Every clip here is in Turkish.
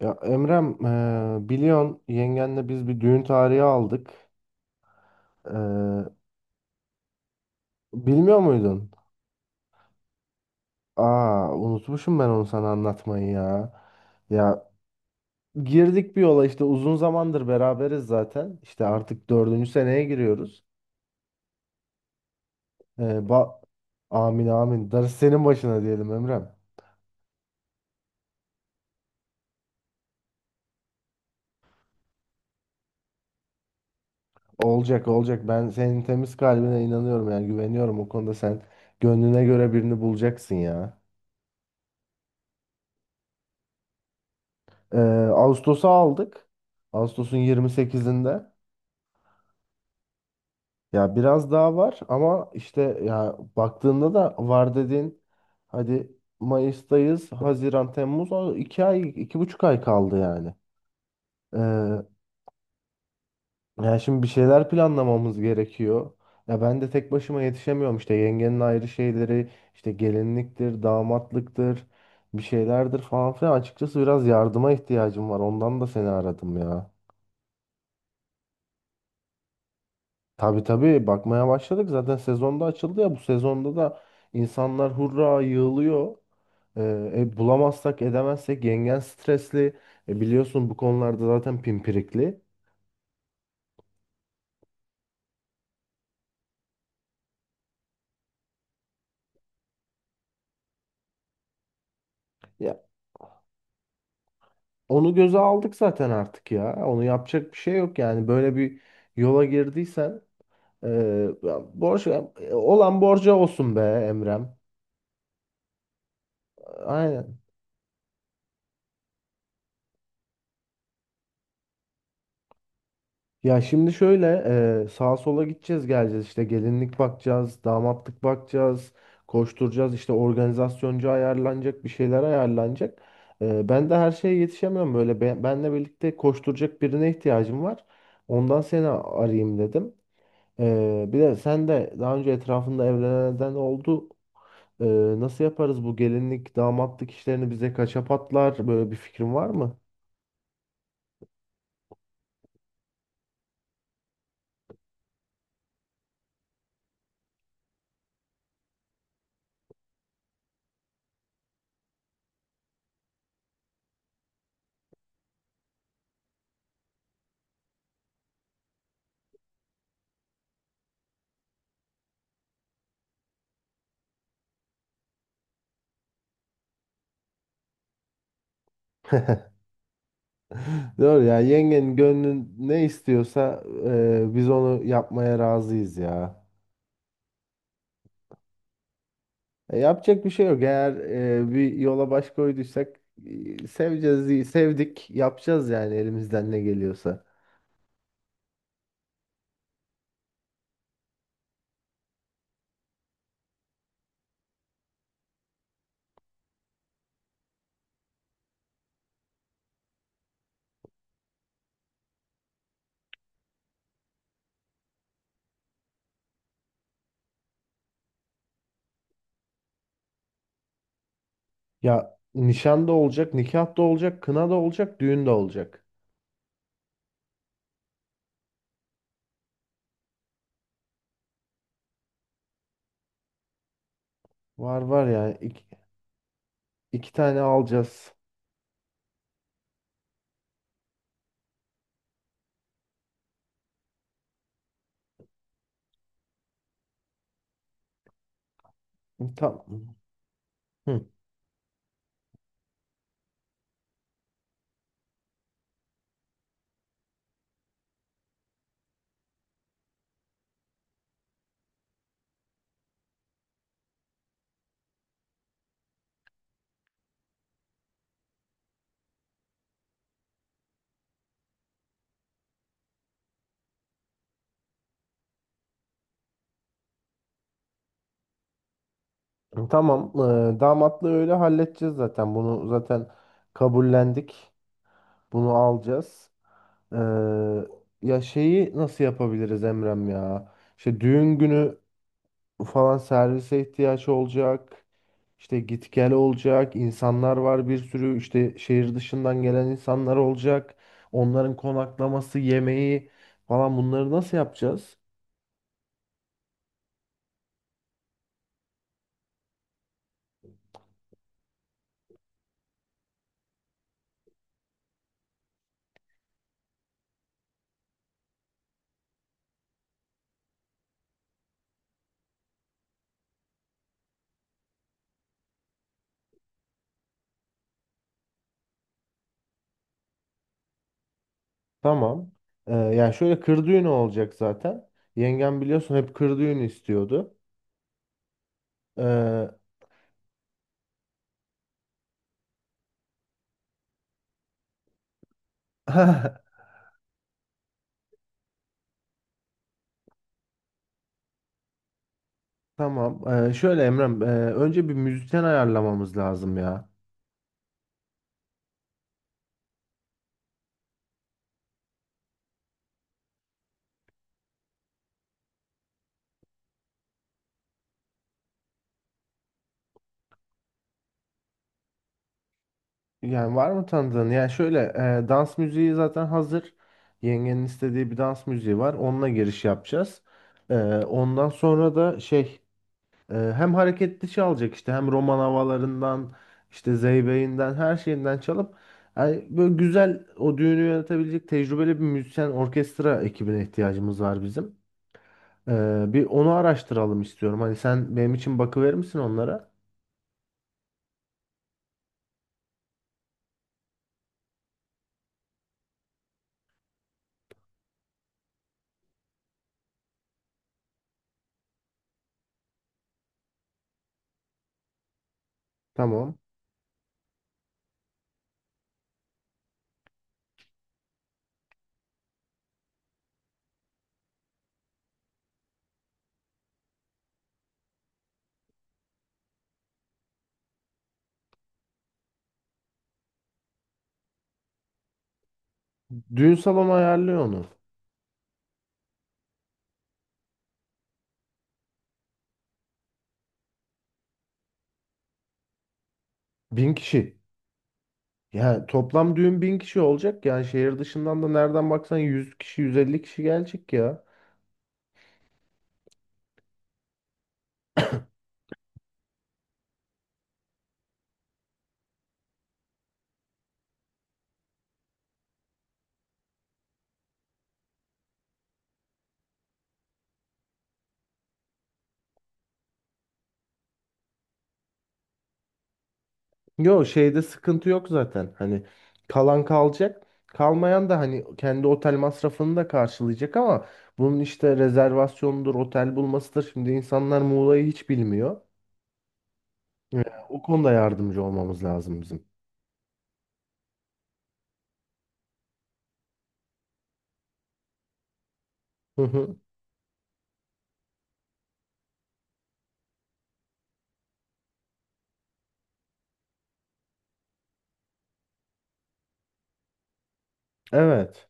Ya Emrem, biliyorsun yengenle biz bir düğün tarihi aldık. Eee, bilmiyor muydun? Aa, unutmuşum ben onu sana anlatmayı ya. Ya girdik bir yola işte uzun zamandır beraberiz zaten. İşte artık dördüncü seneye giriyoruz. Eee, ba- Amin amin. Darısı senin başına diyelim Emrem. Olacak olacak. Ben senin temiz kalbine inanıyorum yani güveniyorum o konuda sen gönlüne göre birini bulacaksın ya. Eee Ağustos'a aldık. Ağustos'un 28'inde. Ya biraz daha var ama işte ya baktığında da var dediğin hadi Mayıs'tayız, Haziran, Temmuz o 2 ay, 2,5 ay kaldı yani. Ee, ya şimdi bir şeyler planlamamız gerekiyor. Ya ben de tek başıma yetişemiyorum işte yengenin ayrı şeyleri işte gelinliktir, damatlıktır, bir şeylerdir falan filan. Açıkçası biraz yardıma ihtiyacım var. Ondan da seni aradım ya. Tabii tabii bakmaya başladık. Zaten sezonda açıldı ya bu sezonda da insanlar hurra yığılıyor. Bulamazsak edemezsek yengen stresli. Biliyorsun bu konularda zaten pimpirikli. Ya onu göze aldık zaten artık ya. Onu yapacak bir şey yok yani. Böyle bir yola girdiysen e, ya borç olan borca olsun be Emrem. Aynen. Ya şimdi şöyle sağa sola gideceğiz geleceğiz işte gelinlik bakacağız, damatlık bakacağız, koşturacağız işte organizasyoncu ayarlanacak bir şeyler ayarlanacak. Ben de her şeye yetişemiyorum böyle benle birlikte koşturacak birine ihtiyacım var. Ondan seni arayayım dedim. Bir de sen de daha önce etrafında evlenenden oldu. E, nasıl yaparız bu gelinlik damatlık işlerini bize kaça patlar böyle bir fikrin var mı? Doğru ya yengenin gönlün ne istiyorsa biz onu yapmaya razıyız ya. Yapacak bir şey yok. Eğer bir yola baş koyduysak seveceğiz, sevdik, yapacağız yani elimizden ne geliyorsa. Ya nişan da olacak, nikah da olacak, kına da olacak, düğün de olacak. Var var ya iki tane alacağız. Tamam. Hı. Tamam. Damatlığı öyle halledeceğiz zaten. Bunu zaten kabullendik. Bunu alacağız. Ee, ya şeyi nasıl yapabiliriz Emrem ya? İşte düğün günü falan servise ihtiyaç olacak. İşte git gel olacak. İnsanlar var bir sürü. İşte şehir dışından gelen insanlar olacak. Onların konaklaması, yemeği falan bunları nasıl yapacağız? Tamam. Yani şöyle kır düğünü olacak zaten. Yengem biliyorsun hep kır düğünü istiyordu. Ee, tamam. Şöyle Emrem, önce bir müzisyen ayarlamamız lazım ya. Yani var mı tanıdığın? Yani şöyle dans müziği zaten hazır. Yengenin istediği bir dans müziği var. Onunla giriş yapacağız. Ondan sonra da şey. Hem hareket dışı alacak işte hem roman havalarından işte zeybeğinden her şeyinden çalıp yani böyle güzel o düğünü yönetebilecek tecrübeli bir müzisyen orkestra ekibine ihtiyacımız var bizim. Bir onu araştıralım istiyorum. Hani sen benim için bakıverir misin onlara? Tamam. Düğün salonu ayarlıyor onu. 1000 kişi. Yani toplam düğün 1000 kişi olacak. Yani şehir dışından da nereden baksan 100 kişi 150 kişi gelecek ya. Yo şeyde sıkıntı yok zaten. Hani kalan kalacak. Kalmayan da hani kendi otel masrafını da karşılayacak ama bunun işte rezervasyonudur, otel bulmasıdır. Şimdi insanlar Muğla'yı hiç bilmiyor. Ee, O konuda yardımcı olmamız lazım bizim. Hı hı. Evet.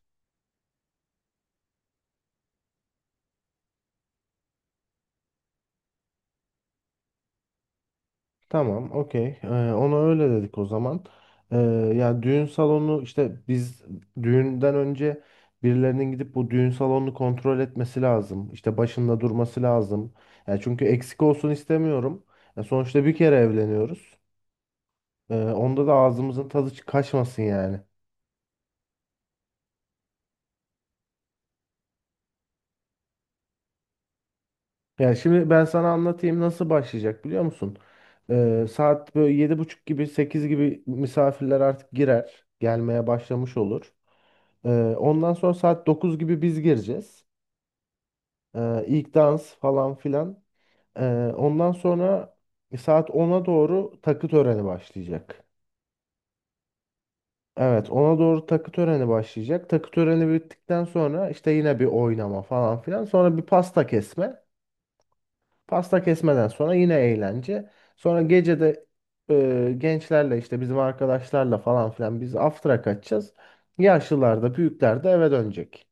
Tamam, okey. Ona öyle dedik o zaman. Ee, ya düğün salonu işte biz düğünden önce birilerinin gidip bu düğün salonunu kontrol etmesi lazım. İşte başında durması lazım. Ya çünkü eksik olsun istemiyorum. Ya sonuçta bir kere evleniyoruz. Onda da ağzımızın tadı kaçmasın yani. Ya şimdi ben sana anlatayım nasıl başlayacak biliyor musun? Saat böyle 7.30 gibi 8 gibi misafirler artık girer. Gelmeye başlamış olur. Ee, ondan sonra saat 9 gibi biz gireceğiz. İlk dans falan filan. Ondan sonra saat 10'a doğru takı töreni başlayacak. Evet, 10'a doğru takı töreni başlayacak. Takı töreni bittikten sonra işte yine bir oynama falan filan. Sonra bir pasta kesme. Pasta kesmeden sonra yine eğlence. Sonra gece de gençlerle işte bizim arkadaşlarla falan filan biz after'a kaçacağız. Yaşlılar da büyükler de eve dönecek.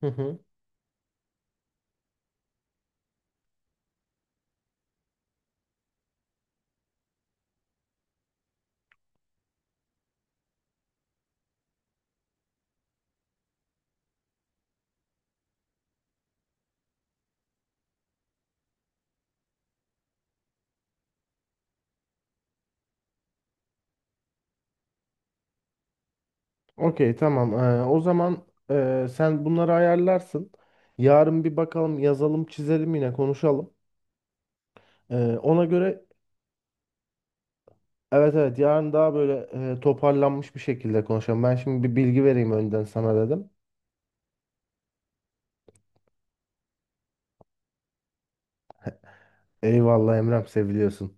Hı hı. Okey tamam. O zaman sen bunları ayarlarsın. Yarın bir bakalım yazalım çizelim yine konuşalım. Ee, ona göre evet evet, yarın daha böyle toparlanmış bir şekilde konuşalım. Ben şimdi bir bilgi vereyim önden sana dedim. Eyvallah Emrem seviliyorsun.